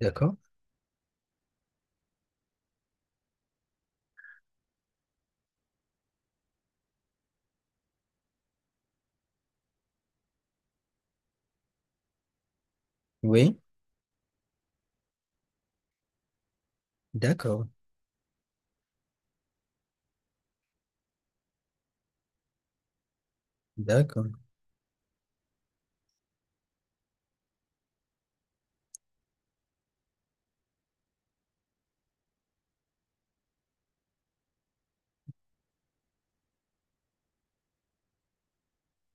D'accord. Oui, d'accord. D'accord.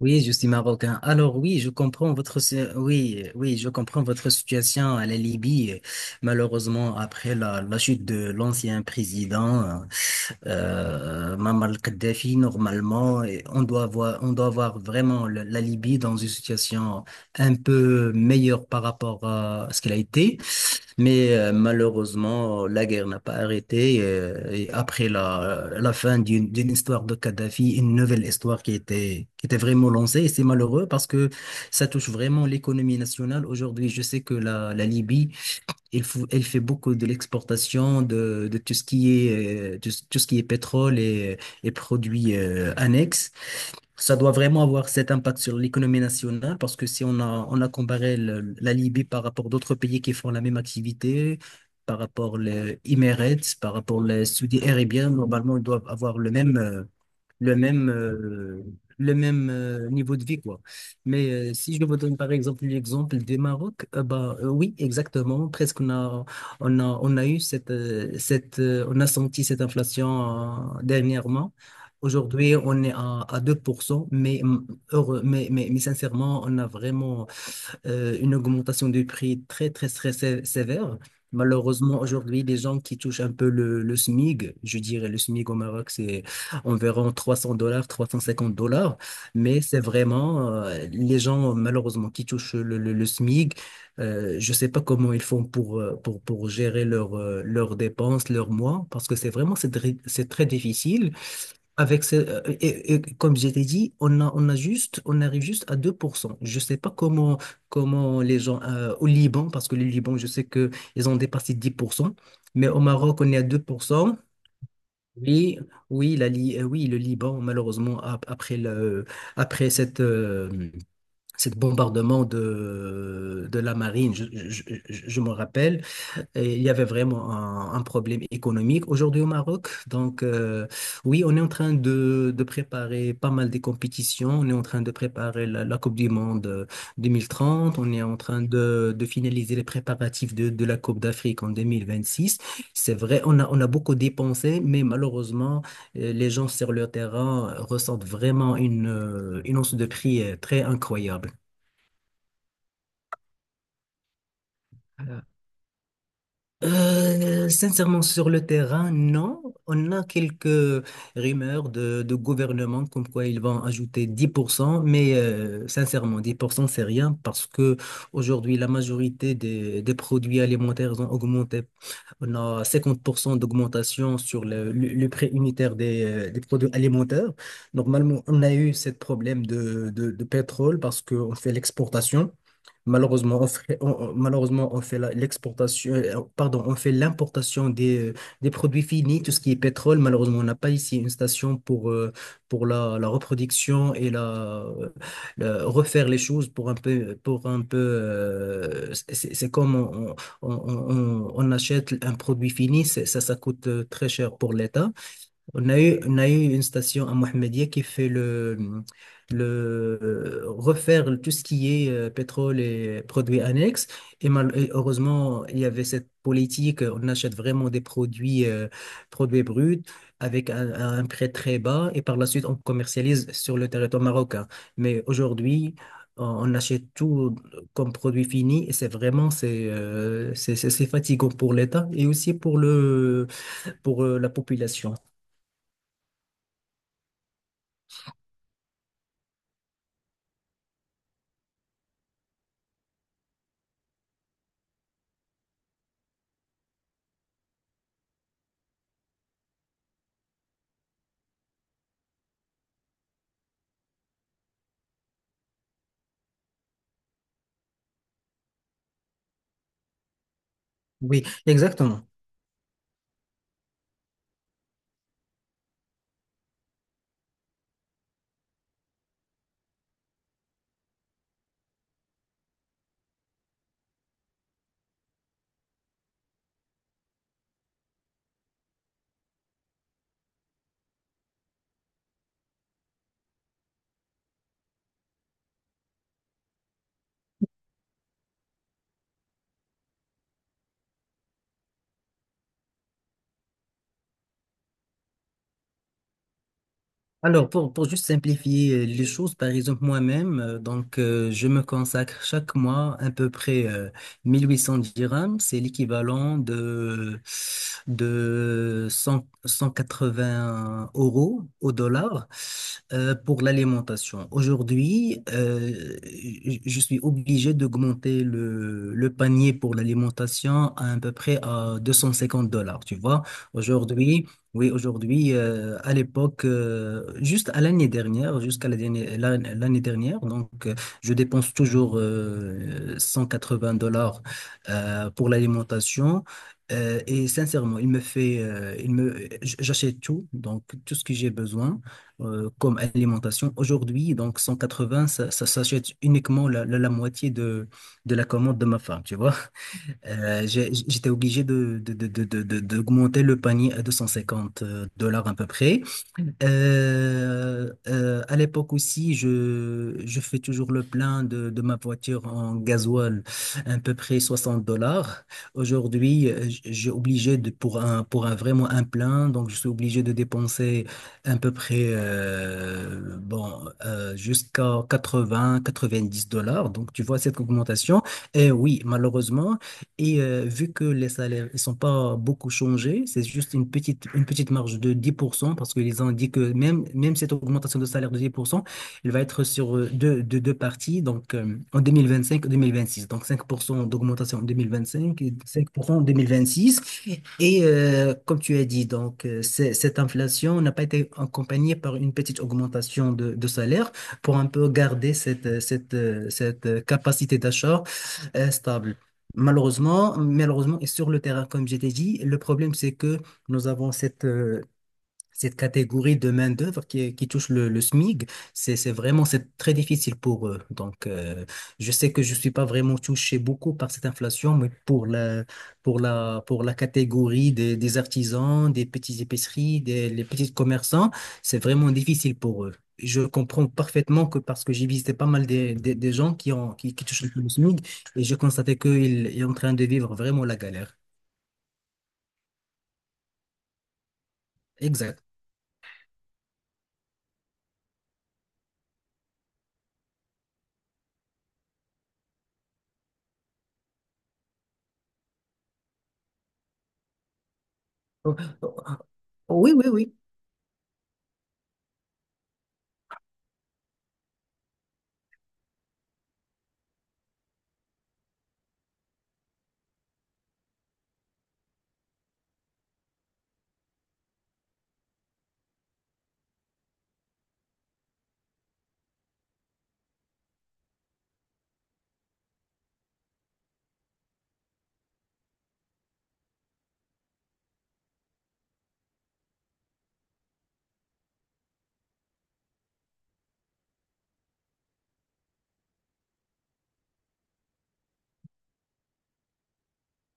Oui, je suis marocain. Alors oui, je comprends votre si- oui, oui, je comprends votre situation à la Libye. Malheureusement, après la chute de l'ancien président Muammar Kadhafi, normalement, et on doit voir vraiment la Libye dans une situation un peu meilleure par rapport à ce qu'elle a été. Mais malheureusement, la guerre n'a pas arrêté. Et, après la fin d'une histoire de Kadhafi, une nouvelle histoire qui était vraiment lancée. Et c'est malheureux parce que ça touche vraiment l'économie nationale. Aujourd'hui, je sais que la Libye elle fait beaucoup de l'exportation de tout ce qui est, tout ce qui est pétrole et produits annexes. Ça doit vraiment avoir cet impact sur l'économie nationale parce que si on a comparé la Libye par rapport d'autres pays qui font la même activité, par rapport les Emirates, par rapport les Saudi Arabien, normalement, ils doivent avoir le même, euh, le même niveau de vie, quoi. Mais si je vous donne par exemple l'exemple du Maroc, bah, oui, exactement. Presque on a senti cette inflation dernièrement. Aujourd'hui, on est à 2% mais, heureux, mais sincèrement, on a vraiment une augmentation du prix très, très, très sévère. Malheureusement, aujourd'hui, les gens qui touchent un peu le SMIG, je dirais le SMIG au Maroc, c'est environ $300, $350, mais c'est vraiment les gens, malheureusement, qui touchent le SMIG, je ne sais pas comment ils font pour gérer leurs dépenses, leurs mois, parce que c'est vraiment, c'est très difficile. Et, comme je t'ai dit, on arrive juste à 2%. Je sais pas comment les gens au Liban, parce que le Liban, je sais que ils ont dépassé 10% mais au Maroc, on est à 2%. Oui, oui, oui, le Liban, malheureusement, après cette bombardement de la marine, je me rappelle, et il y avait vraiment un problème économique aujourd'hui au Maroc. Donc, oui, on est en train de préparer pas mal des compétitions. On est en train de préparer la Coupe du Monde 2030. On est en train de finaliser les préparatifs de la Coupe d'Afrique en 2026. C'est vrai, on a beaucoup dépensé, mais malheureusement, les gens sur le terrain ressentent vraiment une hausse de prix très incroyable. Sincèrement, sur le terrain, non. On a quelques rumeurs de gouvernement comme quoi ils vont ajouter 10%. Mais sincèrement, 10% c'est rien parce que aujourd'hui, la majorité des produits alimentaires ont augmenté. On a 50% d'augmentation sur le prix unitaire des produits alimentaires. Normalement, on a eu ce problème de pétrole parce qu'on fait l'exportation. Malheureusement, on fait, on- malheureusement, on fait l'exportation, pardon, on fait l'importation des produits finis, tout ce qui est pétrole. Malheureusement, on n'a pas ici une station pour la reproduction et refaire les choses pour un peu, c'est comme on, on, on achète un produit fini, ça coûte très cher pour l'État. On a eu une station à Mohammedia qui fait le refaire tout ce qui est pétrole et produits annexes. Et heureusement, il y avait cette politique, on achète vraiment des produits bruts avec un prix très bas et par la suite, on commercialise sur le territoire marocain. Mais aujourd'hui, on achète tout comme produit fini et c'est vraiment c'est fatigant pour l'État et aussi pour le pour la population. Oui, exactement. Alors, pour juste simplifier les choses, par exemple, moi-même, donc, je me consacre chaque mois à peu près 1 800 dirhams. C'est l'équivalent de cent quatre-vingts euros au dollar pour l'alimentation. Aujourd'hui, je suis obligé d'augmenter le panier pour l'alimentation à peu près à $250, tu vois. Aujourd'hui, Oui, aujourd'hui, à l'époque, juste à l'année dernière, jusqu'à l'année dernière, donc je dépense toujours $180 pour l'alimentation. Et sincèrement, il me fait, il me, j- j'achète tout, donc tout ce que j'ai besoin comme alimentation. Aujourd'hui, donc 180, ça, ça s'achète uniquement la moitié de la commande de ma femme, tu vois. J'étais obligé d'augmenter le panier à $250 à peu près. À l'époque aussi, je fais toujours le plein de ma voiture en gasoil, à peu près $60. Aujourd'hui, j'ai obligé pour un vraiment un plein, donc je suis obligé de dépenser à peu près, bon, jusqu'à 80, $90. Donc tu vois cette augmentation. Et oui, malheureusement, vu que les salaires ne sont pas beaucoup changés, c'est juste une petite marge de 10% parce qu'ils ont dit que même cette augmentation de salaire de 10%, elle va être sur deux parties, donc en 2025 et 2026. Donc 5% d'augmentation en 2025 et 5% en 2026. Et comme tu as dit, donc cette inflation n'a pas été accompagnée par une petite augmentation de salaire pour un peu garder cette capacité d'achat stable. Malheureusement, et sur le terrain, comme je t'ai dit, le problème, c'est que nous avons cette catégorie de main-d'œuvre qui touche le SMIG, c'est vraiment, c'est très difficile pour eux. Donc, je sais que je suis pas vraiment touché beaucoup par cette inflation, mais pour la catégorie des artisans, des petites épiceries, les petits commerçants, c'est vraiment difficile pour eux. Je comprends parfaitement que parce que j'ai visité pas mal des gens qui touchent le SMIG et j'ai constaté qu'ils sont en train de vivre vraiment la galère. Exact. Oh, oh, oui, oui, oui.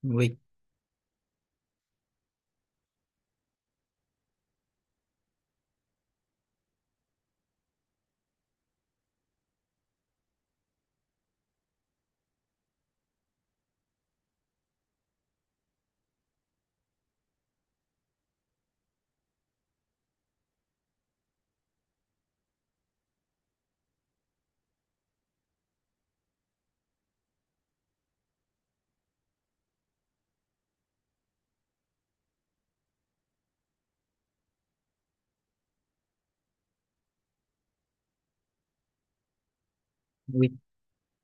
Oui. Oui.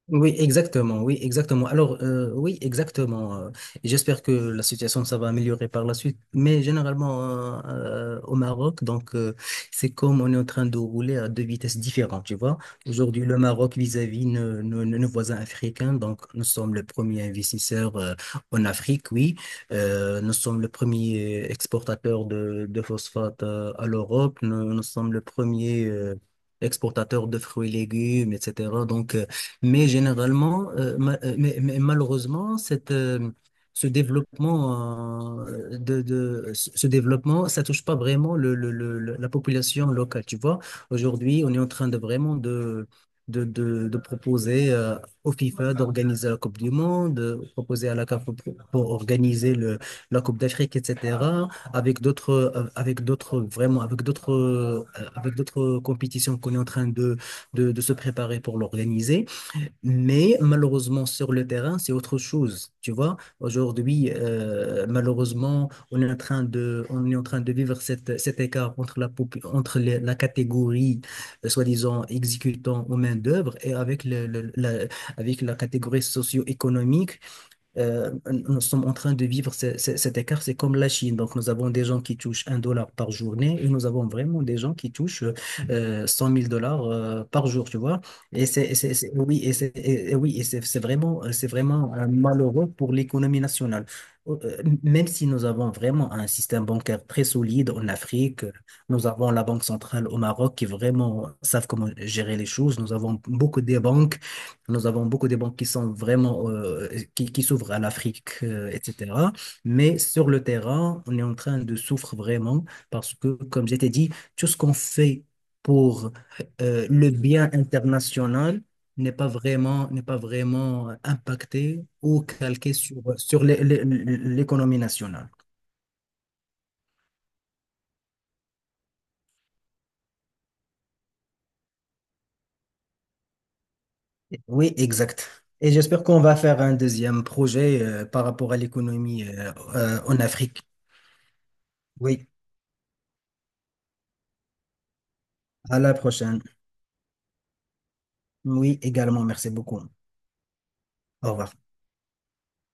Oui, exactement, oui, exactement. Alors, oui, exactement. Et j'espère que la situation, ça va améliorer par la suite. Mais généralement, au Maroc, donc, c'est comme on est en train de rouler à deux vitesses différentes, tu vois. Aujourd'hui, le Maroc vis-à-vis nos voisins africains, donc, nous sommes le premier investisseur en Afrique, oui. Nous sommes le premier exportateur de phosphate à l'Europe. Nous, nous sommes le premier exportateur de fruits et légumes, etc. Donc, mais généralement, mais malheureusement, ce développement, ce développement, ça touche pas vraiment la population locale. Tu vois, aujourd'hui, on est en train de vraiment de proposer au FIFA d'organiser la Coupe du Monde, de proposer à la CAF pour organiser la Coupe d'Afrique, etc. Avec d'autres, vraiment, avec d'autres compétitions qu'on est en train de se préparer pour l'organiser. Mais malheureusement, sur le terrain, c'est autre chose. Tu vois, aujourd'hui, malheureusement, on est en train de vivre cet écart entre la, popu- entre les- la catégorie, soi-disant, exécutant aux main-d'œuvre et avec la catégorie socio-économique nous sommes en train de vivre cet écart, c'est comme la Chine. Donc, nous avons des gens qui touchent $1 par journée et nous avons vraiment des gens qui touchent 100 000 dollars par jour, tu vois. Oui, et c'est, et oui, et c'est vraiment malheureux pour l'économie nationale. Euh, Même si nous avons vraiment un système bancaire très solide en Afrique, nous avons la Banque centrale au Maroc qui vraiment savent comment gérer les choses. Nous avons beaucoup de banques qui sont vraiment qui s'ouvrent à l'Afrique, etc. Mais sur le terrain, on est en train de souffrir vraiment parce que, comme je t'ai dit, tout ce qu'on fait pour le bien international n'est pas vraiment impacté ou calqué sur l'économie nationale. Oui, exact. Et j'espère qu'on va faire un deuxième projet par rapport à l'économie en Afrique. Oui, à la prochaine. Oui, également, merci beaucoup. Au revoir.